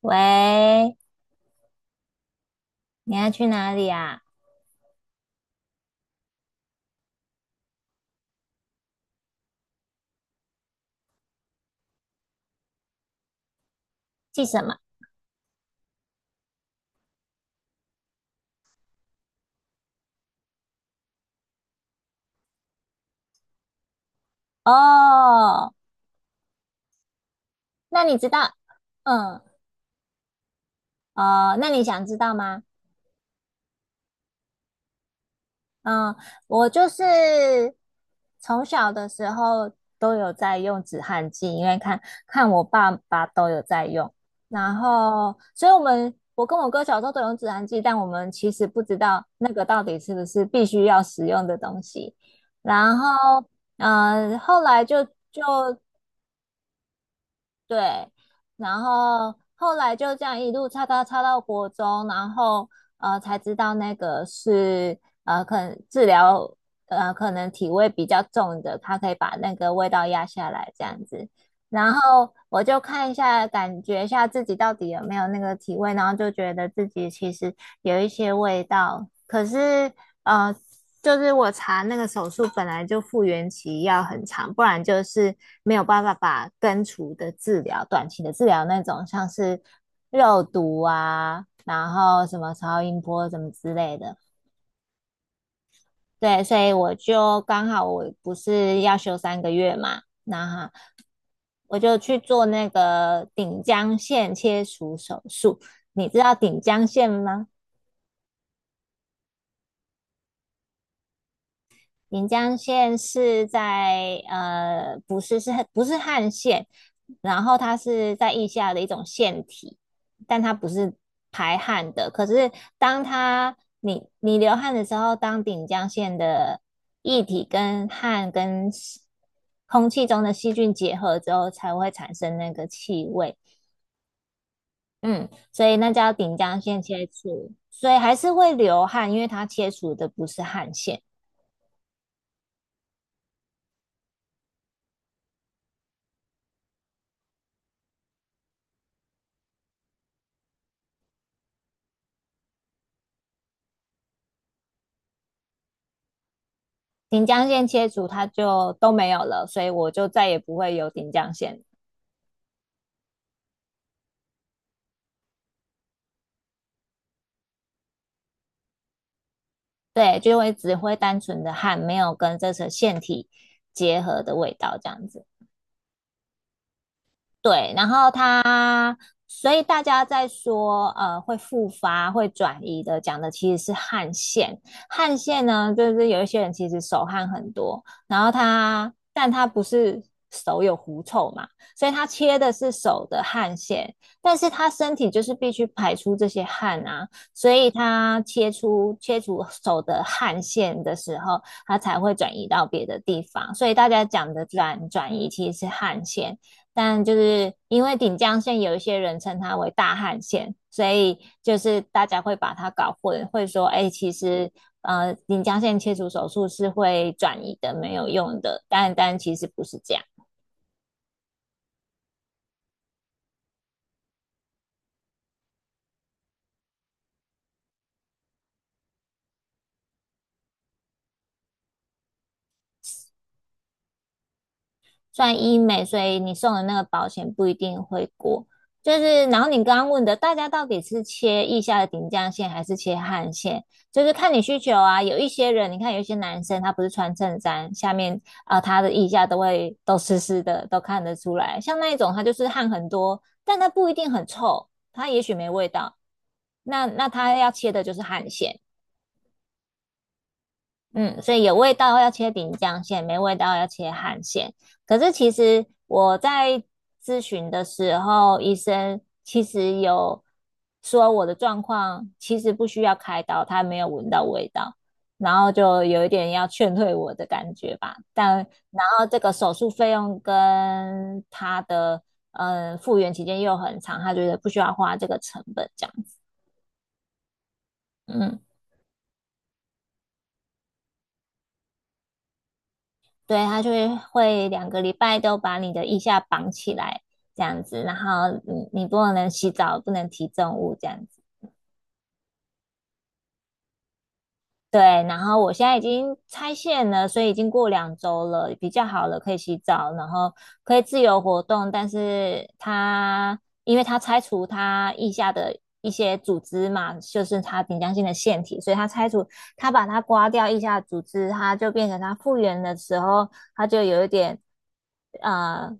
喂，你要去哪里啊？去什么？哦，那你知道，嗯，哦，那你想知道吗？嗯，我就是从小的时候都有在用止汗剂，因为看我爸爸都有在用，然后，所以我跟我哥小时候都有用止汗剂，但我们其实不知道那个到底是不是必须要使用的东西，然后。嗯，后来就对，然后后来就这样一路插到国中，然后才知道那个是可能治疗可能体味比较重的，它可以把那个味道压下来这样子。然后我就看一下，感觉一下自己到底有没有那个体味，然后就觉得自己其实有一些味道，可是呃，就是我查那个手术本来就复原期要很长，不然就是没有办法把根除的治疗、短期的治疗那种，像是肉毒啊，然后什么超音波什么之类的。对，所以我就刚好我不是要休三个月嘛，那我就去做那个顶浆腺切除手术。你知道顶浆腺吗？临江县是在不是是不是汗腺，然后它是在腋下的一种腺体，但它不是排汗的。可是当它你流汗的时候，当顶江县的液体跟汗跟细空气中的细菌结合之后，才会产生那个气味。嗯，所以那叫顶江县切除，所以还是会流汗，因为它切除的不是汗腺。顶浆线切除，它就都没有了，所以我就再也不会有顶浆线。对，就会只会单纯的汗，没有跟这层腺体结合的味道这样子。对，然后他，所以大家在说，会复发、会转移的，讲的其实是汗腺。汗腺呢，就是有一些人其实手汗很多，然后他，但他不是手有狐臭嘛，所以他切的是手的汗腺，但是他身体就是必须排出这些汗啊，所以他切除手的汗腺的时候，他才会转移到别的地方。所以大家讲的转移其实是汗腺。但就是因为顶江县有一些人称它为大汉县，所以就是大家会把它搞混，会说，哎，欸其实顶江县切除手术是会转移的，没有用的，但其实不是这样。算医美，所以你送的那个保险不一定会过。就是，然后你刚刚问的，大家到底是切腋下的顶降线还是切汗线，就是看你需求啊。有一些人，你看有一些男生，他不是穿衬衫，下面啊、他的腋下都会都湿湿的，都看得出来。像那一种，他就是汗很多，但他不一定很臭，他也许没味道。那他要切的就是汗腺。嗯，所以有味道要切饼酱线，没味道要切汗馅。可是其实我在咨询的时候，医生其实有说我的状况其实不需要开刀，他没有闻到味道，然后就有一点要劝退我的感觉吧。但然后这个手术费用跟他的复原期间又很长，他觉得不需要花这个成本这样子。嗯。对，他就会两个礼拜都把你的腋下绑起来，这样子，然后你不能洗澡，不能提重物，这样子。对，然后我现在已经拆线了，所以已经过两周了，比较好了，可以洗澡，然后可以自由活动。但是它因为它拆除它腋下的一些组织嘛，就是它顶浆性的腺体，所以它拆除它把它刮掉腋下的组织，它就变成它复原的时候，他就有一点呃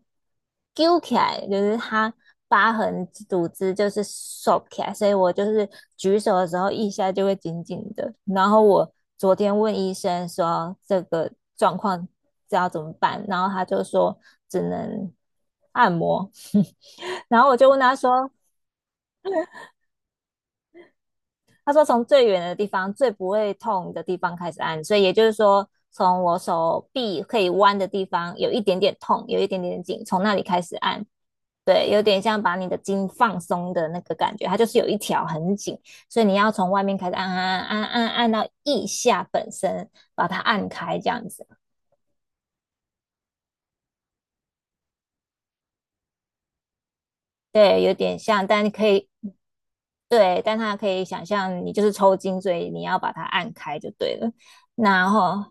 揪起来，就是他疤痕组织就是收起来，所以我就是举手的时候一下就会紧紧的。然后我昨天问医生说这个状况知道怎么办，然后他就说只能按摩，然后我就问他说。他说从最远的地方、最不会痛的地方开始按，所以也就是说，从我手臂可以弯的地方有一点点痛，有一点点紧，从那里开始按。对，有点像把你的筋放松的那个感觉，它就是有一条很紧，所以你要从外面开始按按到腋下本身，把它按开这样子。对，有点像，但你可以对，但它可以想象你就是抽筋，所以你要把它按开就对了。然后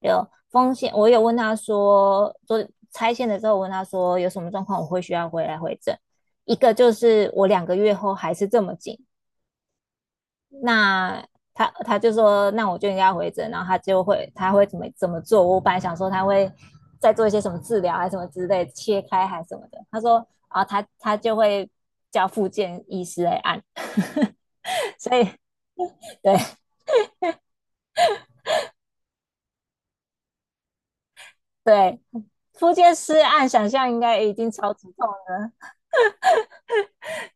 有风险，我有问他说，做拆线的时候我问他说有什么状况，我会需要回来回诊。一个就是我两个月后还是这么紧，那他就说那我就应该回诊，然后他会怎么做？我本来想说他会再做一些什么治疗还是什么之类，切开还是什么的。他说啊，他就会叫复健医师来按 所以对对，复健师按想象应该已经超级痛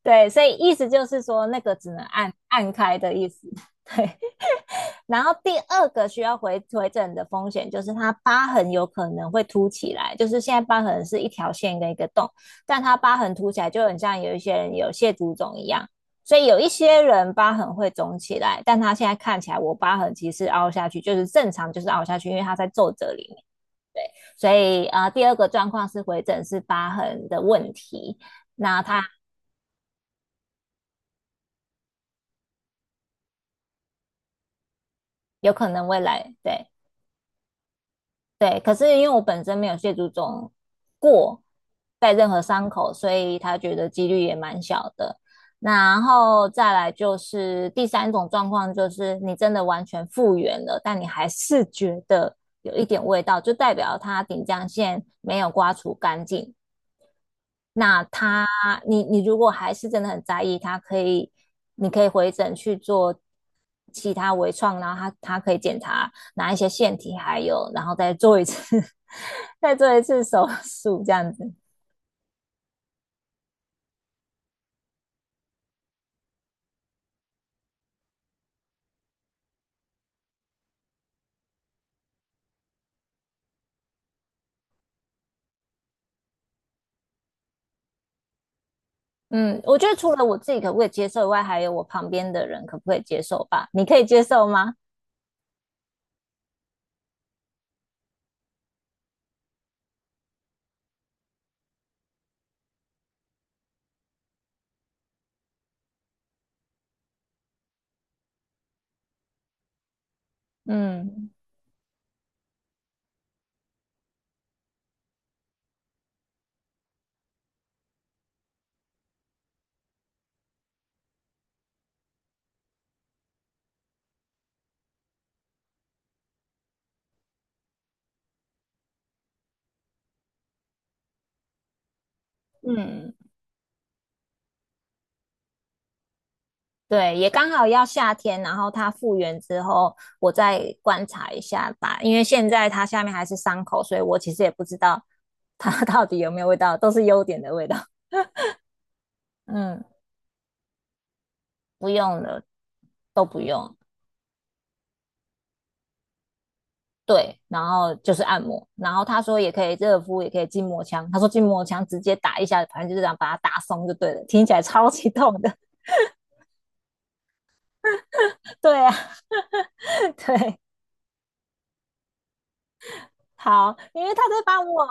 对，所以意思就是说，那个只能按按开的意思。对，然后第二个需要回诊的风险就是它疤痕有可能会凸起来，就是现在疤痕是一条线跟一个洞，但它疤痕凸起来就很像有一些人有蟹足肿一样，所以有一些人疤痕会肿起来，但他现在看起来我疤痕其实凹下去，就是正常就是凹下去，因为它在皱褶里面。所以啊、第二个状况是回诊是疤痕的问题，那它有可能未来对。对，可是因为我本身没有蟹足肿过，带任何伤口，所以他觉得几率也蛮小的。然后再来就是第三种状况，就是你真的完全复原了，但你还是觉得有一点味道，就代表它顶浆腺没有刮除干净。那它，你如果还是真的很在意，它可以，你可以回诊去做其他微创，然后他可以检查哪一些腺体还有，然后再做一次 再做一次手术这样子。嗯，我觉得除了我自己可不可以接受以外，还有我旁边的人可不可以接受吧？你可以接受吗？嗯，嗯，对，也刚好要夏天，然后它复原之后，我再观察一下吧。因为现在它下面还是伤口，所以我其实也不知道它 到底有没有味道，都是优点的味道。嗯，不用了，都不用。对，然后就是按摩，然后他说也可以热敷，也可以筋膜枪。他说筋膜枪直接打一下，反正就是这样把它打松就对了。听起来超级痛的，对啊，对，好，因为他在帮我，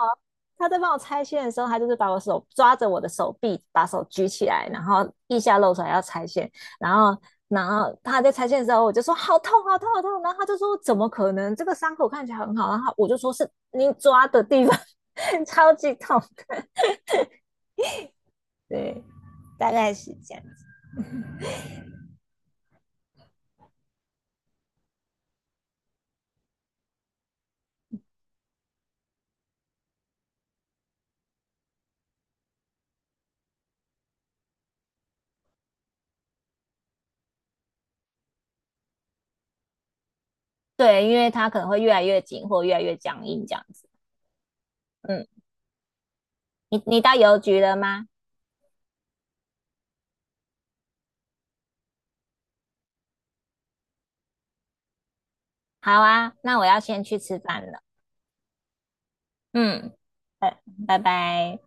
他在帮我拆线的时候，他就是把我手抓着我的手臂，把手举起来，然后腋下露出来要拆线，然后。然后他在拆线的时候，我就说好痛，好痛，好痛。然后他就说怎么可能？这个伤口看起来很好。然后我就说是你抓的地方 超级痛的。对，大概是这样子。对，因为它可能会越来越紧或越来越僵硬这样子。嗯，你到邮局了吗？好啊，那我要先去吃饭了。嗯，拜拜拜。